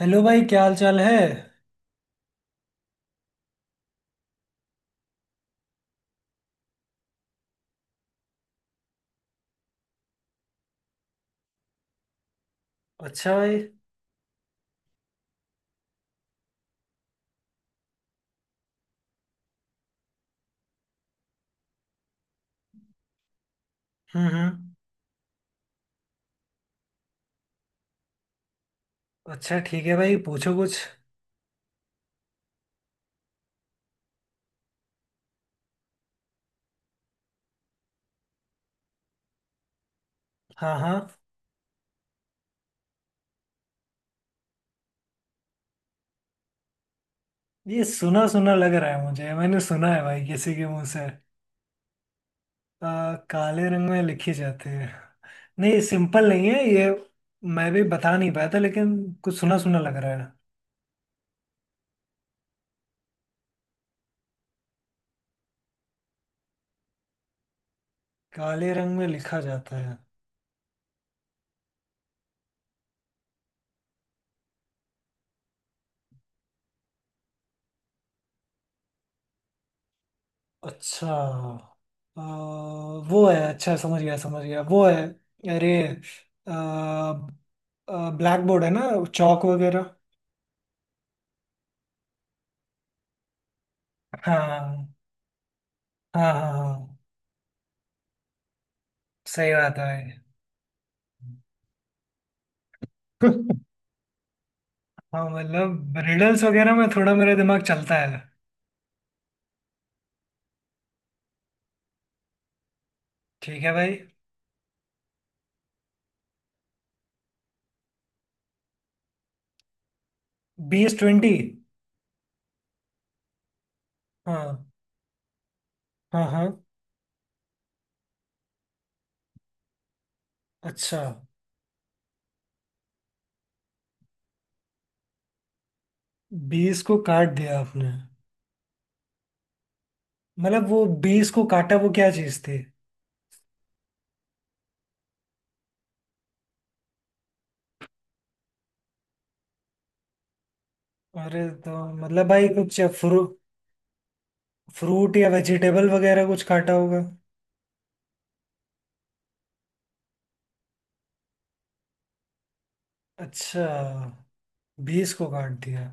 Hello भाई क्या हाल चाल है। अच्छा भाई। हम्म। अच्छा ठीक है भाई पूछो कुछ। हाँ हाँ। ये सुना सुना लग रहा है मुझे मैंने सुना है भाई किसी के मुंह से। काले रंग में लिखी जाती है। नहीं सिंपल नहीं है ये। मैं भी बता नहीं पाया था लेकिन कुछ सुना सुना लग रहा है। काले रंग में लिखा जाता है। अच्छा। आ, वो है अच्छा समझ गया वो है। अरे। ब्लैक बोर्ड है ना। चौक वगैरह। हाँ हाँ हाँ हाँ, सही बात है भाई। हाँ मतलब रिडल्स वगैरह में थोड़ा मेरा दिमाग चलता है। ठीक है भाई। 20 20। हाँ हाँ हाँ। अच्छा। 20 को काट दिया आपने। मतलब वो 20 को काटा वो क्या चीज थी। अरे तो मतलब भाई कुछ फ्रूट या वेजिटेबल वगैरह कुछ काटा होगा। अच्छा। बीस को काट दिया।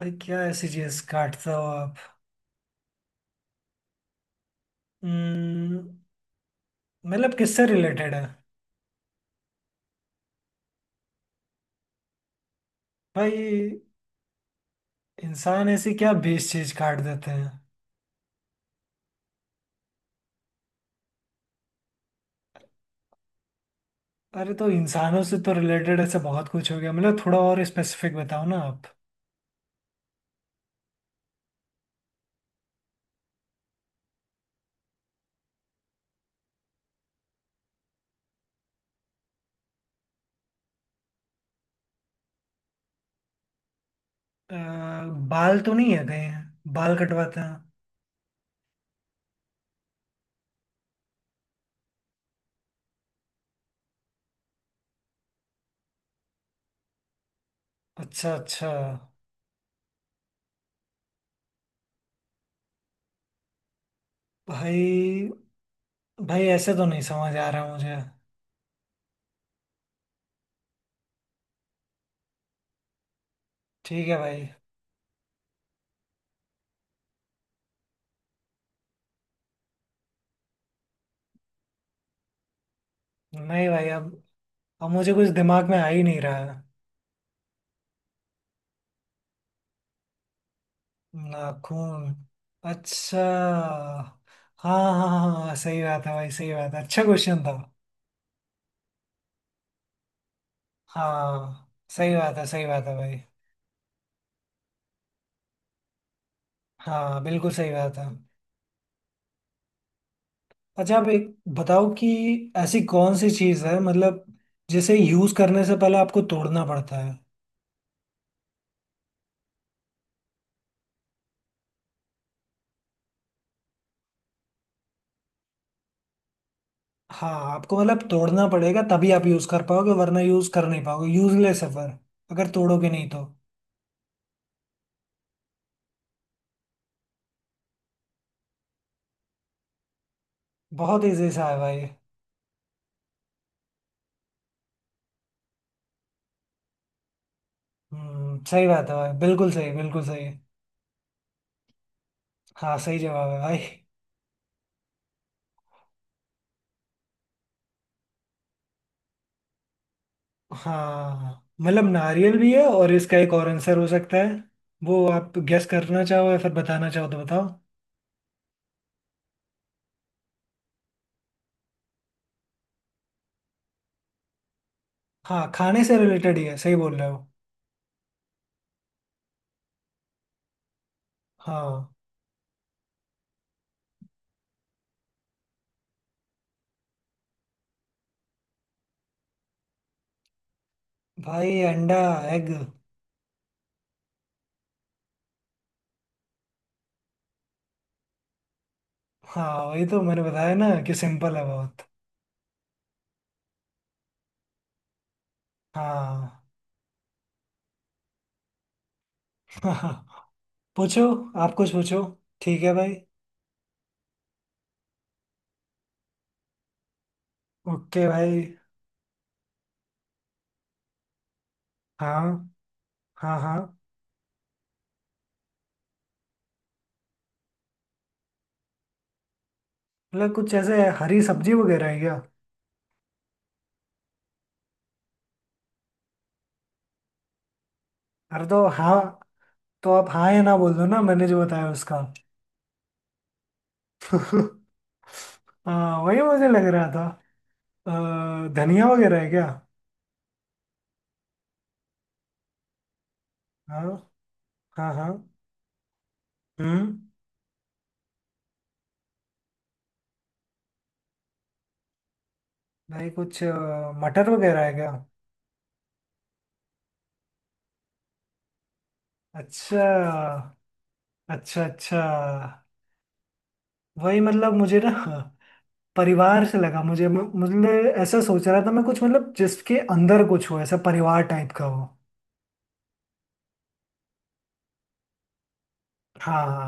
भाई क्या ऐसी चीज काटते हो आप। हम्म, मतलब किससे रिलेटेड है। भाई इंसान ऐसी क्या बेस चीज काट देते हैं। अरे तो इंसानों से तो रिलेटेड ऐसा बहुत कुछ हो गया मतलब थोड़ा और स्पेसिफिक बताओ ना आप। अ, बाल तो नहीं है कहीं बाल कटवाते हैं। अच्छा अच्छा। भाई भाई ऐसे तो नहीं समझ आ रहा मुझे। ठीक है भाई। नहीं भाई अब मुझे कुछ दिमाग में आ ही नहीं रहा है। नाखून। अच्छा। हाँ हाँ हाँ हाँ, सही बात है भाई सही बात है अच्छा क्वेश्चन था। हाँ। सही बात है भाई। हाँ बिल्कुल सही बात है। अच्छा आप एक बताओ कि ऐसी कौन सी चीज़ है मतलब जिसे यूज़ करने से पहले आपको तोड़ना पड़ता है। हाँ आपको मतलब तोड़ना पड़ेगा तभी आप यूज़ कर पाओगे वरना यूज़ कर नहीं पाओगे यूजलेस है फिर अगर तोड़ोगे नहीं तो। बहुत ईजी सा है भाई। सही बात है भाई बिल्कुल सही बिल्कुल सही। हाँ सही जवाब है भाई। हाँ मतलब नारियल भी है और इसका एक और आंसर हो सकता है वो आप गेस करना चाहो या फिर बताना चाहो तो बताओ। हाँ खाने से रिलेटेड ही है सही बोल रहे हो। हाँ। भाई अंडा एग। हाँ वही तो मैंने बताया ना कि सिंपल है बहुत। हाँ। हाँ। पूछो। आप कुछ पूछो। ठीक है भाई। ओके भाई। हाँ हाँ हाँ। मतलब कुछ ऐसे हरी सब्जी वगैरह है क्या। अरे तो हाँ। तो आप हाँ या ना बोल दो ना मैंने जो बताया उसका। हाँ वही मुझे लग रहा था। धनिया वगैरह है क्या। हाँ हाँ हाँ। हम्म। भाई कुछ मटर वगैरह है क्या। अच्छा। अच्छा अच्छा। वही मतलब मुझे ना परिवार से लगा मुझे मुझे ऐसा सोच रहा था मैं कुछ मतलब जिसके अंदर कुछ हो ऐसा परिवार टाइप का हो। हाँ हाँ।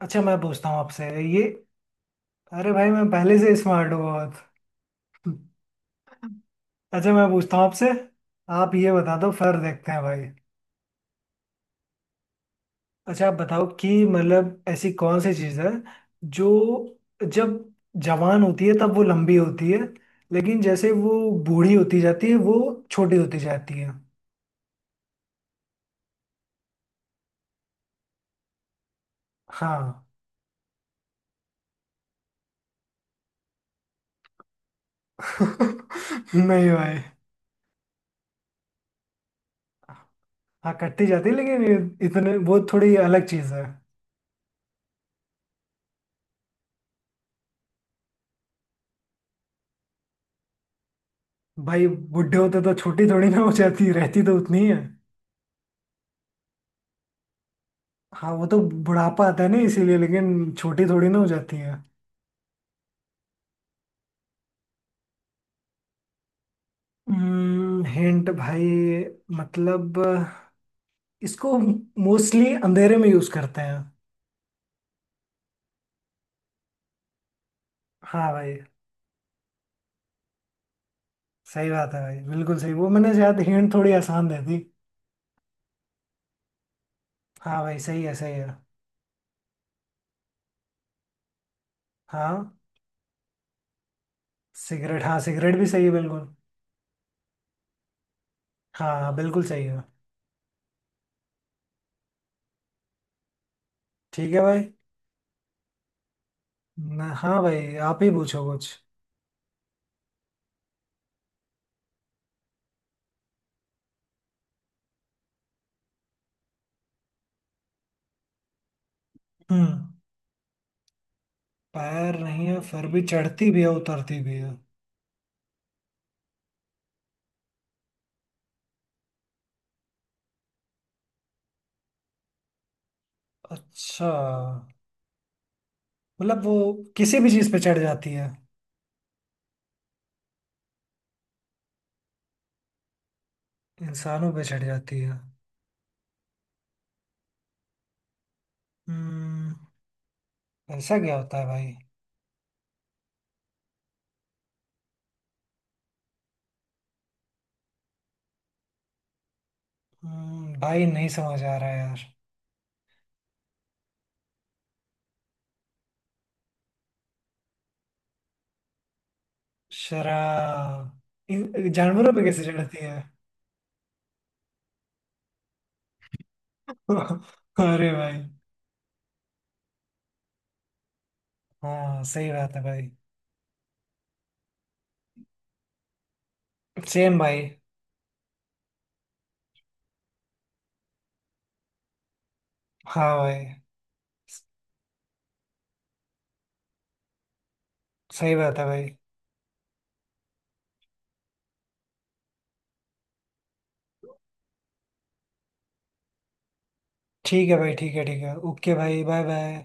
अच्छा मैं पूछता हूँ आपसे। ये। अरे भाई मैं पहले से स्मार्ट हूँ बहुत। अच्छा मैं पूछता हूँ आपसे। आप ये बता दो फिर देखते हैं भाई। अच्छा आप बताओ कि मतलब ऐसी कौन सी चीज़ है जो जब जवान होती है तब वो लंबी होती है लेकिन जैसे वो बूढ़ी होती जाती है वो छोटी होती जाती है। हाँ। नहीं भाई। हाँ कटती जाती है लेकिन ये इतने वो थोड़ी अलग चीज है। भाई बुढ़े होते तो छोटी थोड़ी ना हो जाती रहती तो उतनी ही है। हाँ वो तो बुढ़ापा आता है ना इसीलिए लेकिन छोटी थोड़ी ना हो जाती है। हिंट भाई मतलब इसको मोस्टली अंधेरे में यूज करते हैं। हाँ भाई। सही बात है भाई बिल्कुल सही वो मैंने शायद हिंट थोड़ी आसान दे दी। हाँ भाई सही है सही है। हाँ हाँ सिगरेट भी सही है बिल्कुल। हाँ हाँ, बिल्कुल सही है। ठीक है भाई। ना हाँ भाई आप ही पूछो कुछ। हम्म। पैर नहीं है फिर भी चढ़ती भी है उतरती भी है। अच्छा मतलब वो किसी भी चीज पे चढ़ जाती है। इंसानों पे चढ़ जाती है। हम्म। ऐसा क्या होता है भाई। भाई नहीं समझ आ रहा है यार। शराब। जानवरों पे कैसे चढ़ती है। अरे भाई। हाँ सही बात है भाई। सेम भाई। हाँ भाई सही बात है भाई। ठीक है भाई ठीक है ओके भाई बाय बाय।